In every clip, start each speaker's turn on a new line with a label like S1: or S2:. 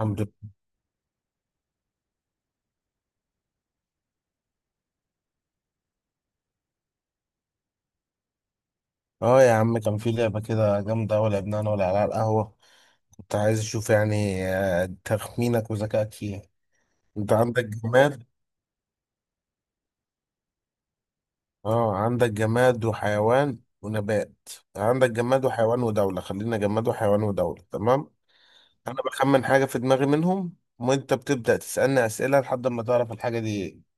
S1: الحمد لله. اه يا عم، كان في لعبة كده جامدة أوي لعبناها أنا والعيال على القهوة. كنت عايز أشوف يعني تخمينك وذكائك فيها. أنت عندك جماد. اه، عندك جماد وحيوان ونبات. عندك جماد وحيوان ودولة، خلينا جماد وحيوان ودولة، تمام. أنا بخمن حاجة في دماغي منهم، وأنت بتبدأ تسألني أسئلة لحد ما تعرف الحاجة دي إيه.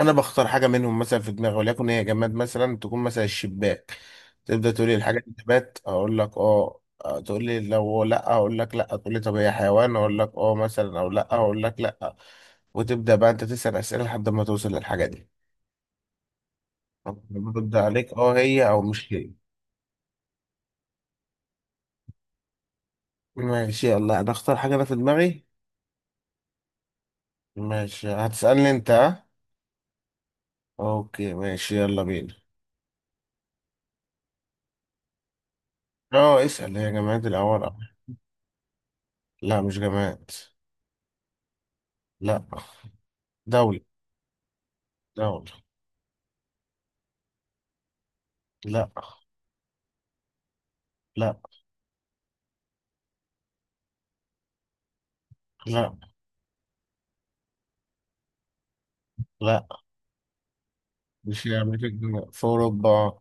S1: انا بختار حاجه منهم مثلا في دماغي، وليكن هي جماد مثلا، تكون مثلا الشباك. تبدا تقول لي الحاجه دي نبات، اقول لك اه، تقول لي لو لا اقول لك لا، تقول لي طب هي حيوان اقول لك اه مثلا او لا اقول لك لا. وتبدا بقى انت تسال اسئله لحد ما توصل للحاجه دي. طب برد عليك اه، هي او مش هي. ماشي، يلا انا اختار حاجه انا في دماغي. ماشي هتسالني انت ها؟ اوكي ماشي يلا بينا. اه اسال هي جماد الاول. لا مش جماد. لا. دولة. دولة. لا. لا. لا. لا. مش الجنوب في أوروبا.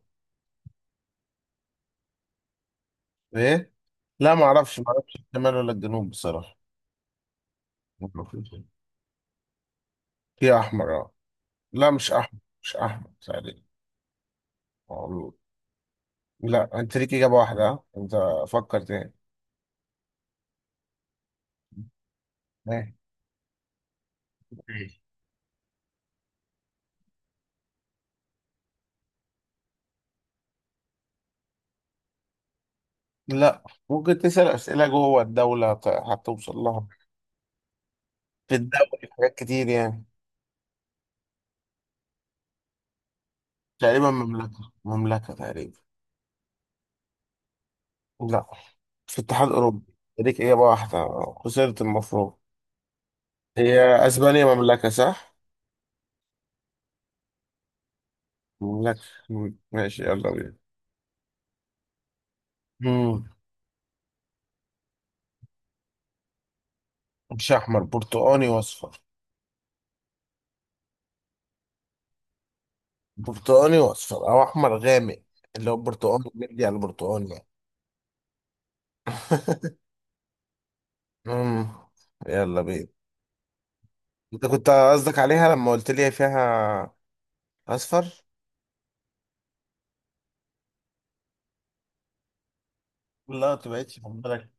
S1: إيه؟ لا، ما أعرفش ما أعرفش الشمال ولا الجنوب بصراحة. في أحمر أه. لا مش أحمر، مش أحمر تقريبا. معروف. لا أنت ليك إجابة واحدة أنت فكر تاني. إيه؟ لا. ممكن تسأل أسئلة جوه الدولة، هتوصل لها. في الدولة حاجات كتير يعني. تقريبا مملكة، مملكة تقريبا. لا. في اتحاد أوروبي، ليك إجابة واحدة خسرت المفروض. هي اسبانيا مملكة صح؟ مملكة. ماشي يلا بينا. مم. مش احمر، برتقاني واصفر. برتقاني واصفر او احمر غامق. اللي هو برتقاني، بيدي على البرتقاني يعني. مم. يلا بينا. انت كنت قصدك عليها لما قلت لي فيها. اصفر؟ لا ما تبعدش عن بالك.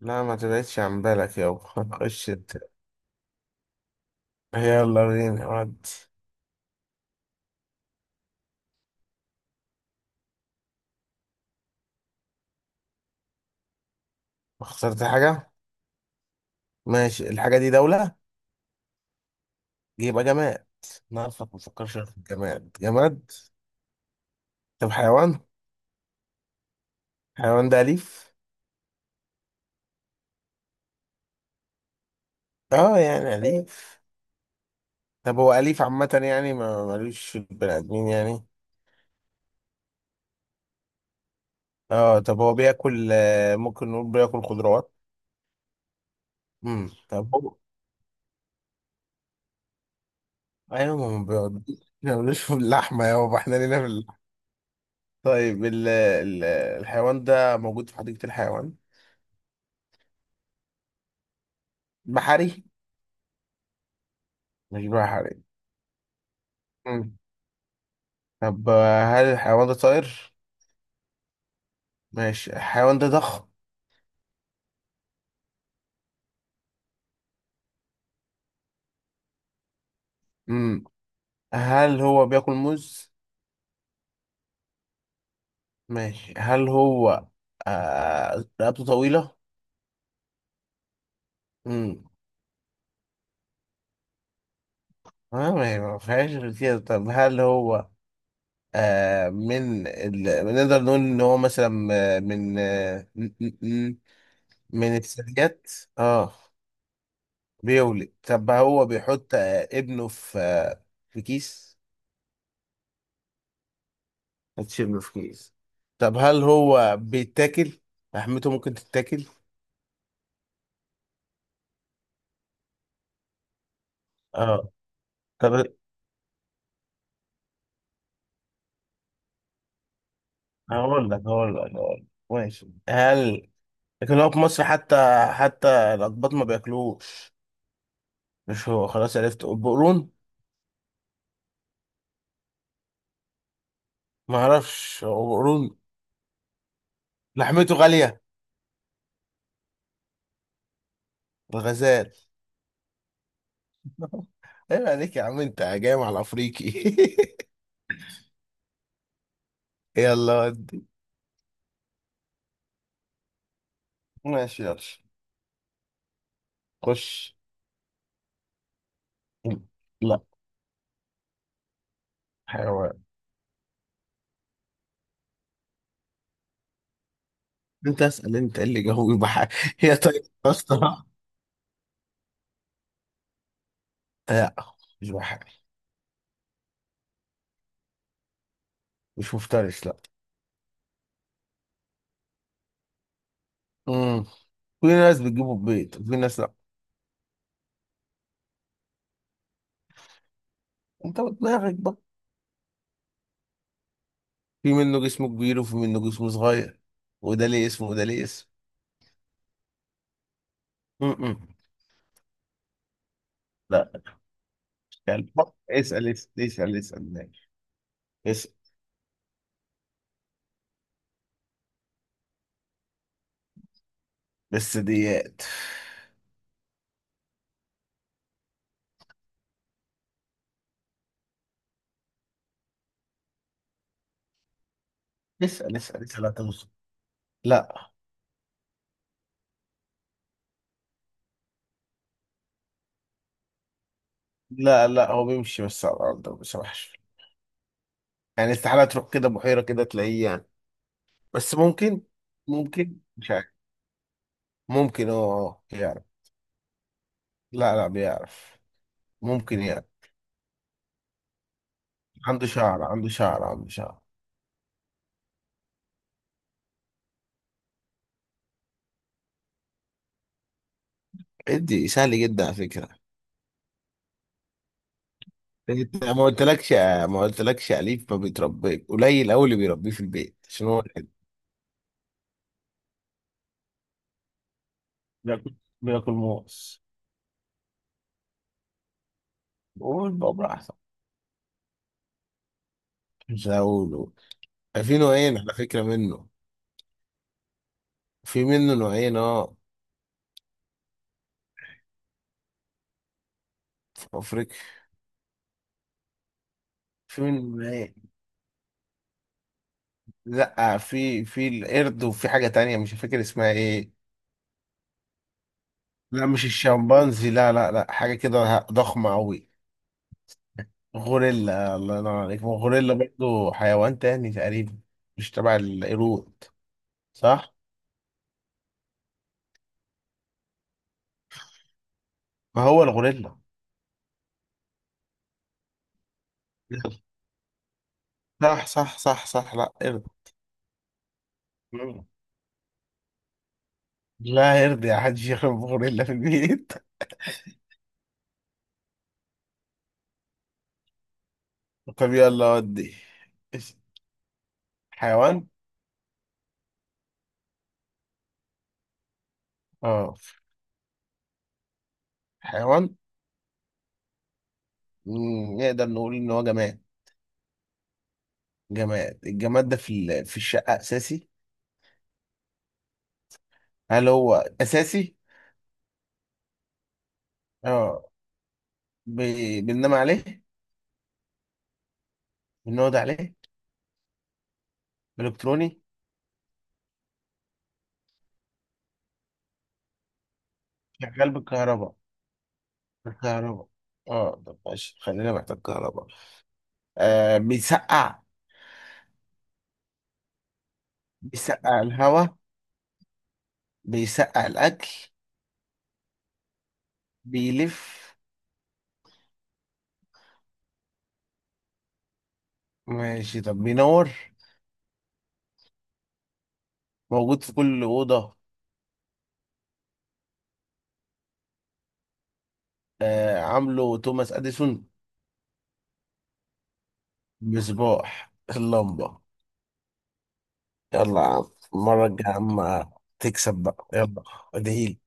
S1: لا ما تبعدش عن بالك يابا خش انت. يلا بينا ودي. اخترت حاجة. ماشي الحاجة دي دولة. يبقى جماد. انا عارفك ما تفكرش. جماد جماد. طب حيوان. حيوان ده أليف؟ اه يعني أليف. طب هو أليف عامة يعني، ما ملوش في البني آدمين يعني. اه طب هو بياكل ممكن نقول بياكل خضروات. طب هو. ايوه، ما هو ما ملوش في اللحمة يابا، احنا لينا في اللحمة. طيب الحيوان ده موجود في حديقة الحيوان. بحري. مش بحري. امم. طب هل الحيوان ده طائر؟ ماشي الحيوان ده ضخم. امم. هل هو بياكل موز؟ ماشي هل هو. آه رقبته طويلة؟ امم. آه ما هي ما فيهاش غير كده. طب هل هو آه من ال... نقدر نقول ان هو مثلا آه، من آه م- م- م- من الثدييات. اه بيولد. طب هو بيحط آه ابنه في في كيس؟ حطش ابنه في كيس. طب هل هو بيتاكل؟ لحمته ممكن تتاكل؟ اه طب. هقول لك. ماشي هل. لكن هو في مصر حتى، حتى الأقباط ما بياكلوش. مش هو، خلاص عرفت. البقرون. ما اعرفش هو بقرون. لحمته غالية. الغزال. ايوه عليك يا عم، انت جاي مع الافريقي يلا ود. ماشي يلا. خش. لا. حيوان. انت اسال، انت إيه اللي جاوب بحاجة. هي طيب بصراحة. لا مش بحاجة. مش مفترس لا. امم. في ناس بتجيبه البيت وفي ناس لا. انت ودماغك بقى. في منه جسمه كبير وفي منه جسمه صغير. وده ليه اسم وده ليه اسم. م-م. لا مش كلب. اسأل اسأل اسأل اسأل ماشي. اسأل. بس ديات. اسأل اسأل اسأل هتوصل. لا. لا لا هو بيمشي بس على الأرض، ما بيسرحش. يعني استحالة تروح كده بحيرة كده تلاقيه يعني. بس ممكن. ممكن مش عارف. ممكن اه يعرف. لا لا بيعرف. ممكن يعرف. عنده شعر عنده شعر عنده شعر. ادي سهل جدا على فكرة. انت ما قلتلكش، ما قلتلكش اليف، ما بيتربيش، قليل قوي اللي بيربيه في البيت عشان هو كده. بياكل. بياكل موز. قول بقى براحتك. مش هقوله. في نوعين على فكرة منه. في منه نوعين اه. في افريقيا. في منه نوعين. لا في القرد وفي حاجة تانية مش فاكر اسمها ايه. لا مش الشمبانزي، لا لا لا حاجة كده ضخمة قوي. غوريلا الله ينور عليك. ما هو غوريلا برضه حيوان تاني تقريبا. مش تبع القرود. صح. ما هو الغوريلا. صح صح صح صح. لا ارضى. مم. لا يرضي حد يشرب غوريلا في البيت. طب يلا ودي. إيش- حيوان. اه حيوان. مم، نقدر نقول ان هو جماد. جماد. الجماد ده في في الشقة اساسي. هل هو اساسي. اه بننام عليه. بنقعد عليه. الكتروني. شغال بالكهرباء. بالكهرباء. اه طب ماشي، خلينا محتاج كهرباء. بيسقع. بيسقع الهواء. بيسقع الاكل. بيلف. ماشي طب بينور. موجود في كل أوضة. آه عامله توماس أديسون. مصباح. اللمبة. يلا يا عم، المرة الجاية يا عم تكسب بقى يلا. ادعيلي.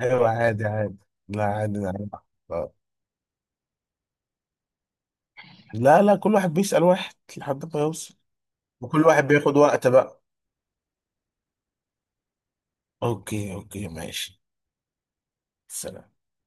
S1: أيوة عادي عادي. لا عادي، لا عادي. آه. لا لا، كل واحد بيسأل واحد لحد ما يوصل. وكل واحد بياخد وقت بقى. أوكي أوكي ماشي. سلام.